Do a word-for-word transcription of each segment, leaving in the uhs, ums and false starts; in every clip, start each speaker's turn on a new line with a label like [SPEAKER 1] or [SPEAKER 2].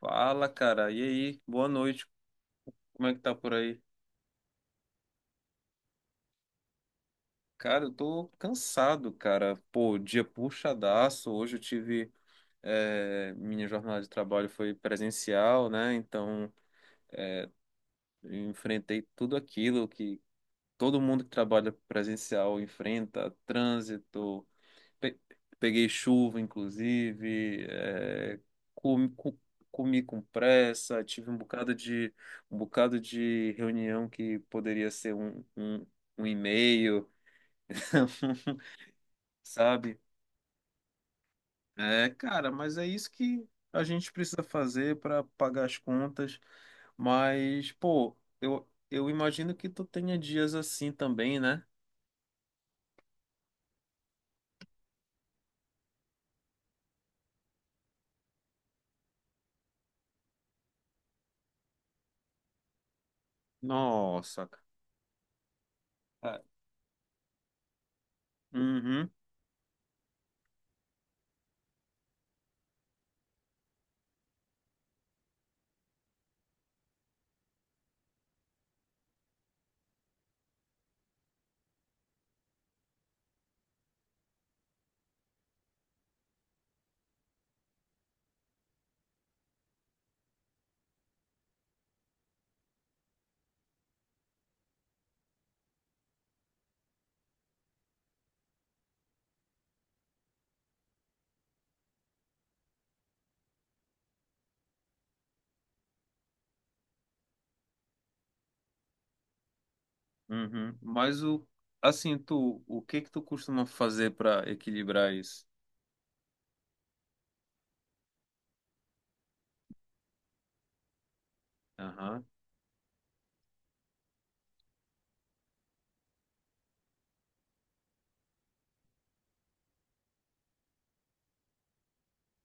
[SPEAKER 1] Fala, cara. E aí? Boa noite. Como é que tá por aí? Cara, eu tô cansado, cara. Pô, dia puxadaço. Hoje eu tive. É, minha jornada de trabalho foi presencial, né? Então, eu enfrentei tudo aquilo que todo mundo que trabalha presencial enfrenta: trânsito, Pe- peguei chuva, inclusive, é, comi, co- comi com pressa, tive um bocado de, um bocado de reunião que poderia ser um, um, um e-mail, sabe? É, cara, mas é isso que a gente precisa fazer para pagar as contas. Mas, pô, eu, eu imagino que tu tenha dias assim também, né? Nossa, cara. Uhum. Uhum. Mas o assim, tu, o que que tu costuma fazer para equilibrar isso? Aham.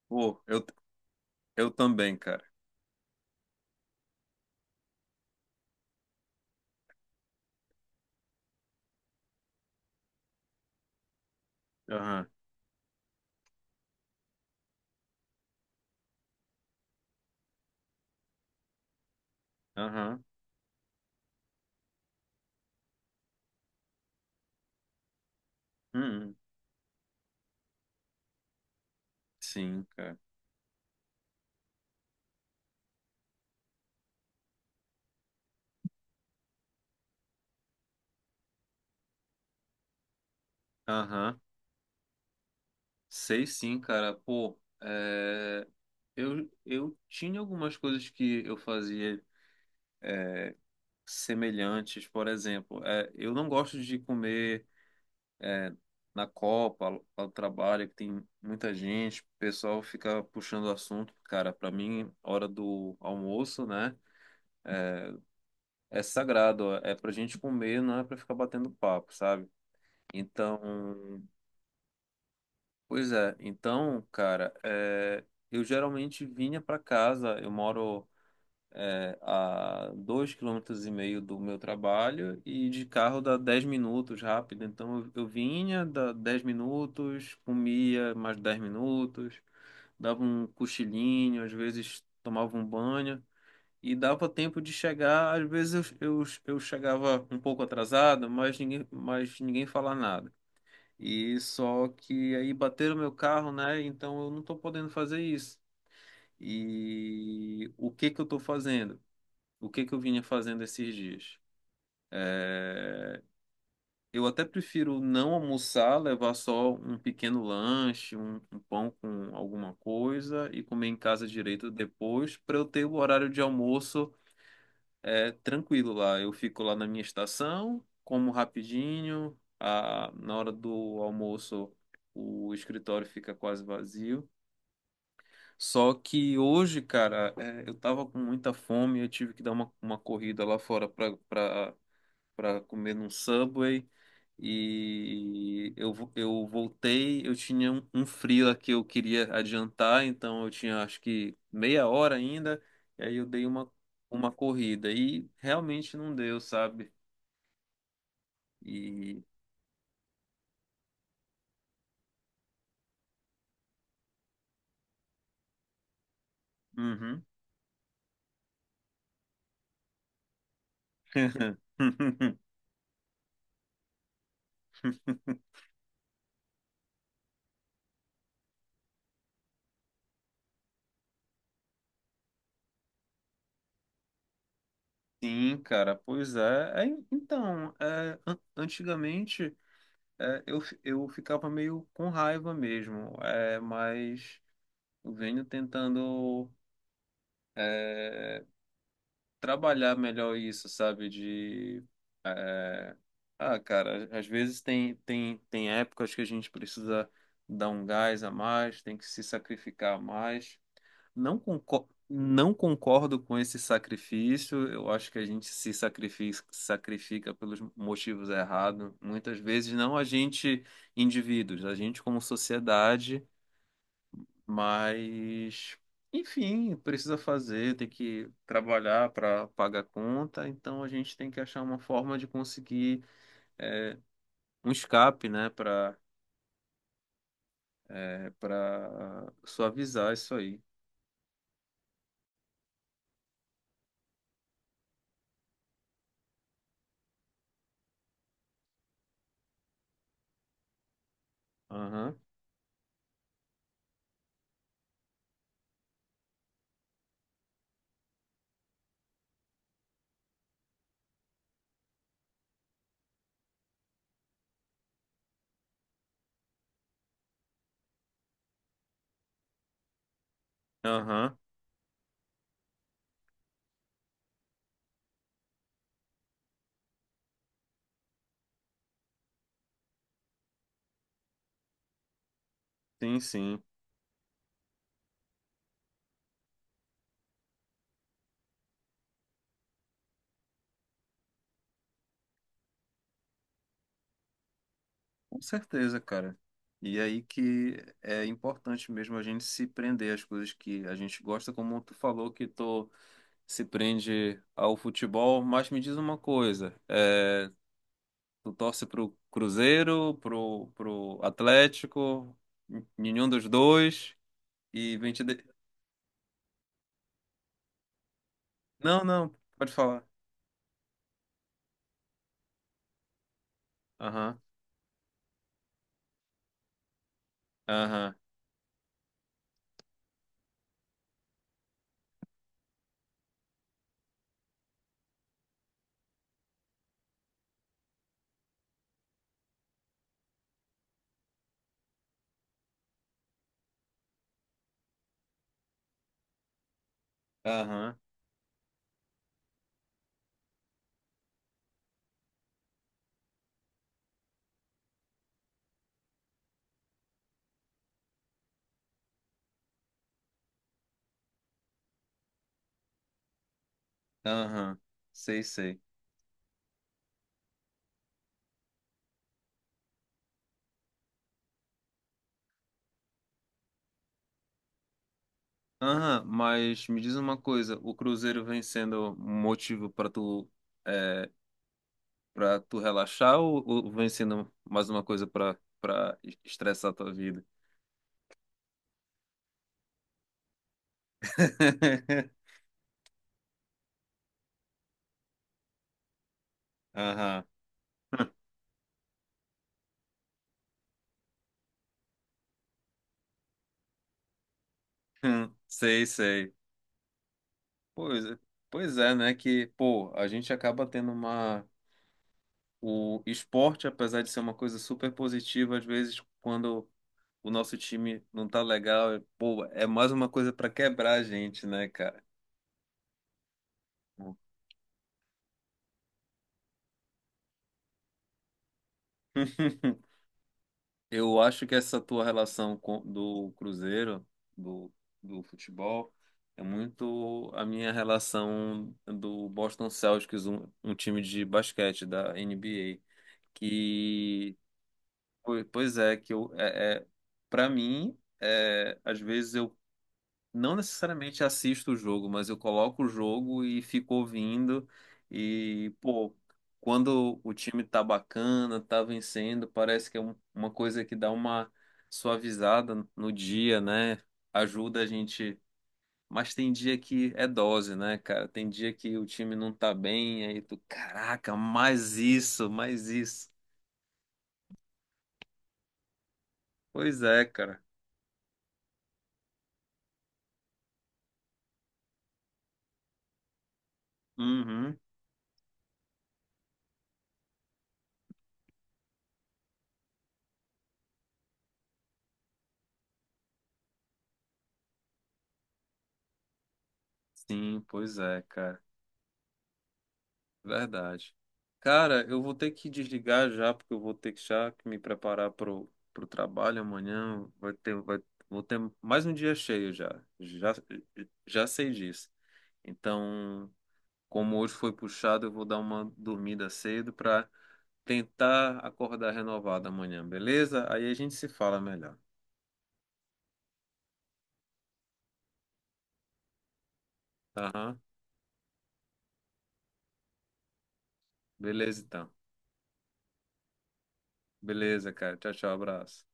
[SPEAKER 1] Pô, eu eu também, cara. Aham. Aham. Uhum. Sim, cara. Aham. Sei sim, cara. Pô, é, eu eu tinha algumas coisas que eu fazia semelhantes, por exemplo, é, eu não gosto de comer na Copa, lá lá do trabalho, que tem muita gente, o pessoal fica puxando o assunto. Cara, pra mim, hora do almoço, né? É sagrado, ó, é pra gente comer, não é pra ficar batendo papo, sabe? Então, pois é, então, cara, é, eu geralmente vinha pra casa, eu moro é, a dois quilômetros e meio do meu trabalho e de carro dá dez minutos rápido, então eu, eu vinha, dá dez minutos, comia mais dez minutos, dava um cochilinho, às vezes tomava um banho e dava tempo de chegar. Às vezes eu, eu, eu chegava um pouco atrasado, mas ninguém, mas ninguém falava nada. E só que aí bateram meu carro, né? Então eu não tô podendo fazer isso. E o que que eu tô fazendo? O que que eu vinha fazendo esses dias? Eh, eu até prefiro não almoçar, levar só um pequeno lanche, um, um pão com alguma coisa e comer em casa direito depois, para eu ter o horário de almoço é, tranquilo lá. Eu fico lá na minha estação, como rapidinho, a, na hora do almoço o escritório fica quase vazio. Só que hoje, cara, é, eu tava com muita fome, eu tive que dar uma, uma corrida lá fora para para comer num Subway e eu, vo- eu voltei, eu tinha um, um freela que eu queria adiantar, então eu tinha acho que meia hora ainda, e aí eu dei uma, uma corrida e realmente não deu, sabe? E uhum. Sim, cara, pois é. É, então, é, an- antigamente é, eu, fi- eu ficava meio com raiva mesmo, é, mas eu venho tentando é, trabalhar melhor isso, sabe? De, ah, cara, às vezes tem, tem, tem épocas que a gente precisa dar um gás a mais, tem que se sacrificar a mais. Não concordo, não concordo com esse sacrifício, eu acho que a gente se sacrifica, sacrifica pelos motivos errados. Muitas vezes, não a gente, indivíduos, a gente como sociedade. Mas, enfim, precisa fazer, tem que trabalhar para pagar a conta, então a gente tem que achar uma forma de conseguir um escape, né, para é, para suavizar isso aí. Aham, aham, sim, sim, com certeza, cara. E aí que é importante mesmo a gente se prender às coisas que a gente gosta, como tu falou que tu se prende ao futebol, mas me diz uma coisa, eh, tu torce pro Cruzeiro, pro, pro Atlético, nenhum dos dois, e vem te... de- Não, não, pode falar. Aham, aham, aham, aham, sei, sei. Aham, mas me diz uma coisa, o Cruzeiro vem sendo um motivo para tu, é, para tu relaxar ou, ou vem sendo mais uma coisa para para estressar a tua vida? Aham, hum, sei, sei. Pois é, pois é, né? Que, pô, a gente acaba tendo uma. O esporte, apesar de ser uma coisa super positiva, às vezes, quando o nosso time não tá legal, é- pô, é mais uma coisa pra quebrar a gente, né, cara? Eu acho que essa tua relação com, do Cruzeiro, do, do futebol, é muito a minha relação do Boston Celtics, um, um time de basquete da N B A. Que Pois pois é, que eu, é, é, para mim, é, às vezes eu não necessariamente assisto o jogo, mas eu coloco o jogo e fico ouvindo. E, pô, quando o time tá bacana, tá vencendo, parece que é um- uma coisa que dá uma suavizada no dia, né? Ajuda a gente. Mas tem dia que é dose, né, cara? Tem dia que o time não tá bem, aí tu, caraca, mais isso, mais isso. Pois é, cara. Uhum. Sim, pois é, cara. Verdade. Cara, eu vou ter que desligar já, porque eu vou ter que já que me preparar pro, pro trabalho amanhã. Vai ter, vai, vou ter mais um dia cheio já. Já, já sei disso. Então, como hoje foi puxado, eu vou dar uma dormida cedo para tentar acordar renovado amanhã, beleza? Aí a gente se fala melhor. Aham. Beleza, então. Beleza, cara. Tchau, tchau, abraço.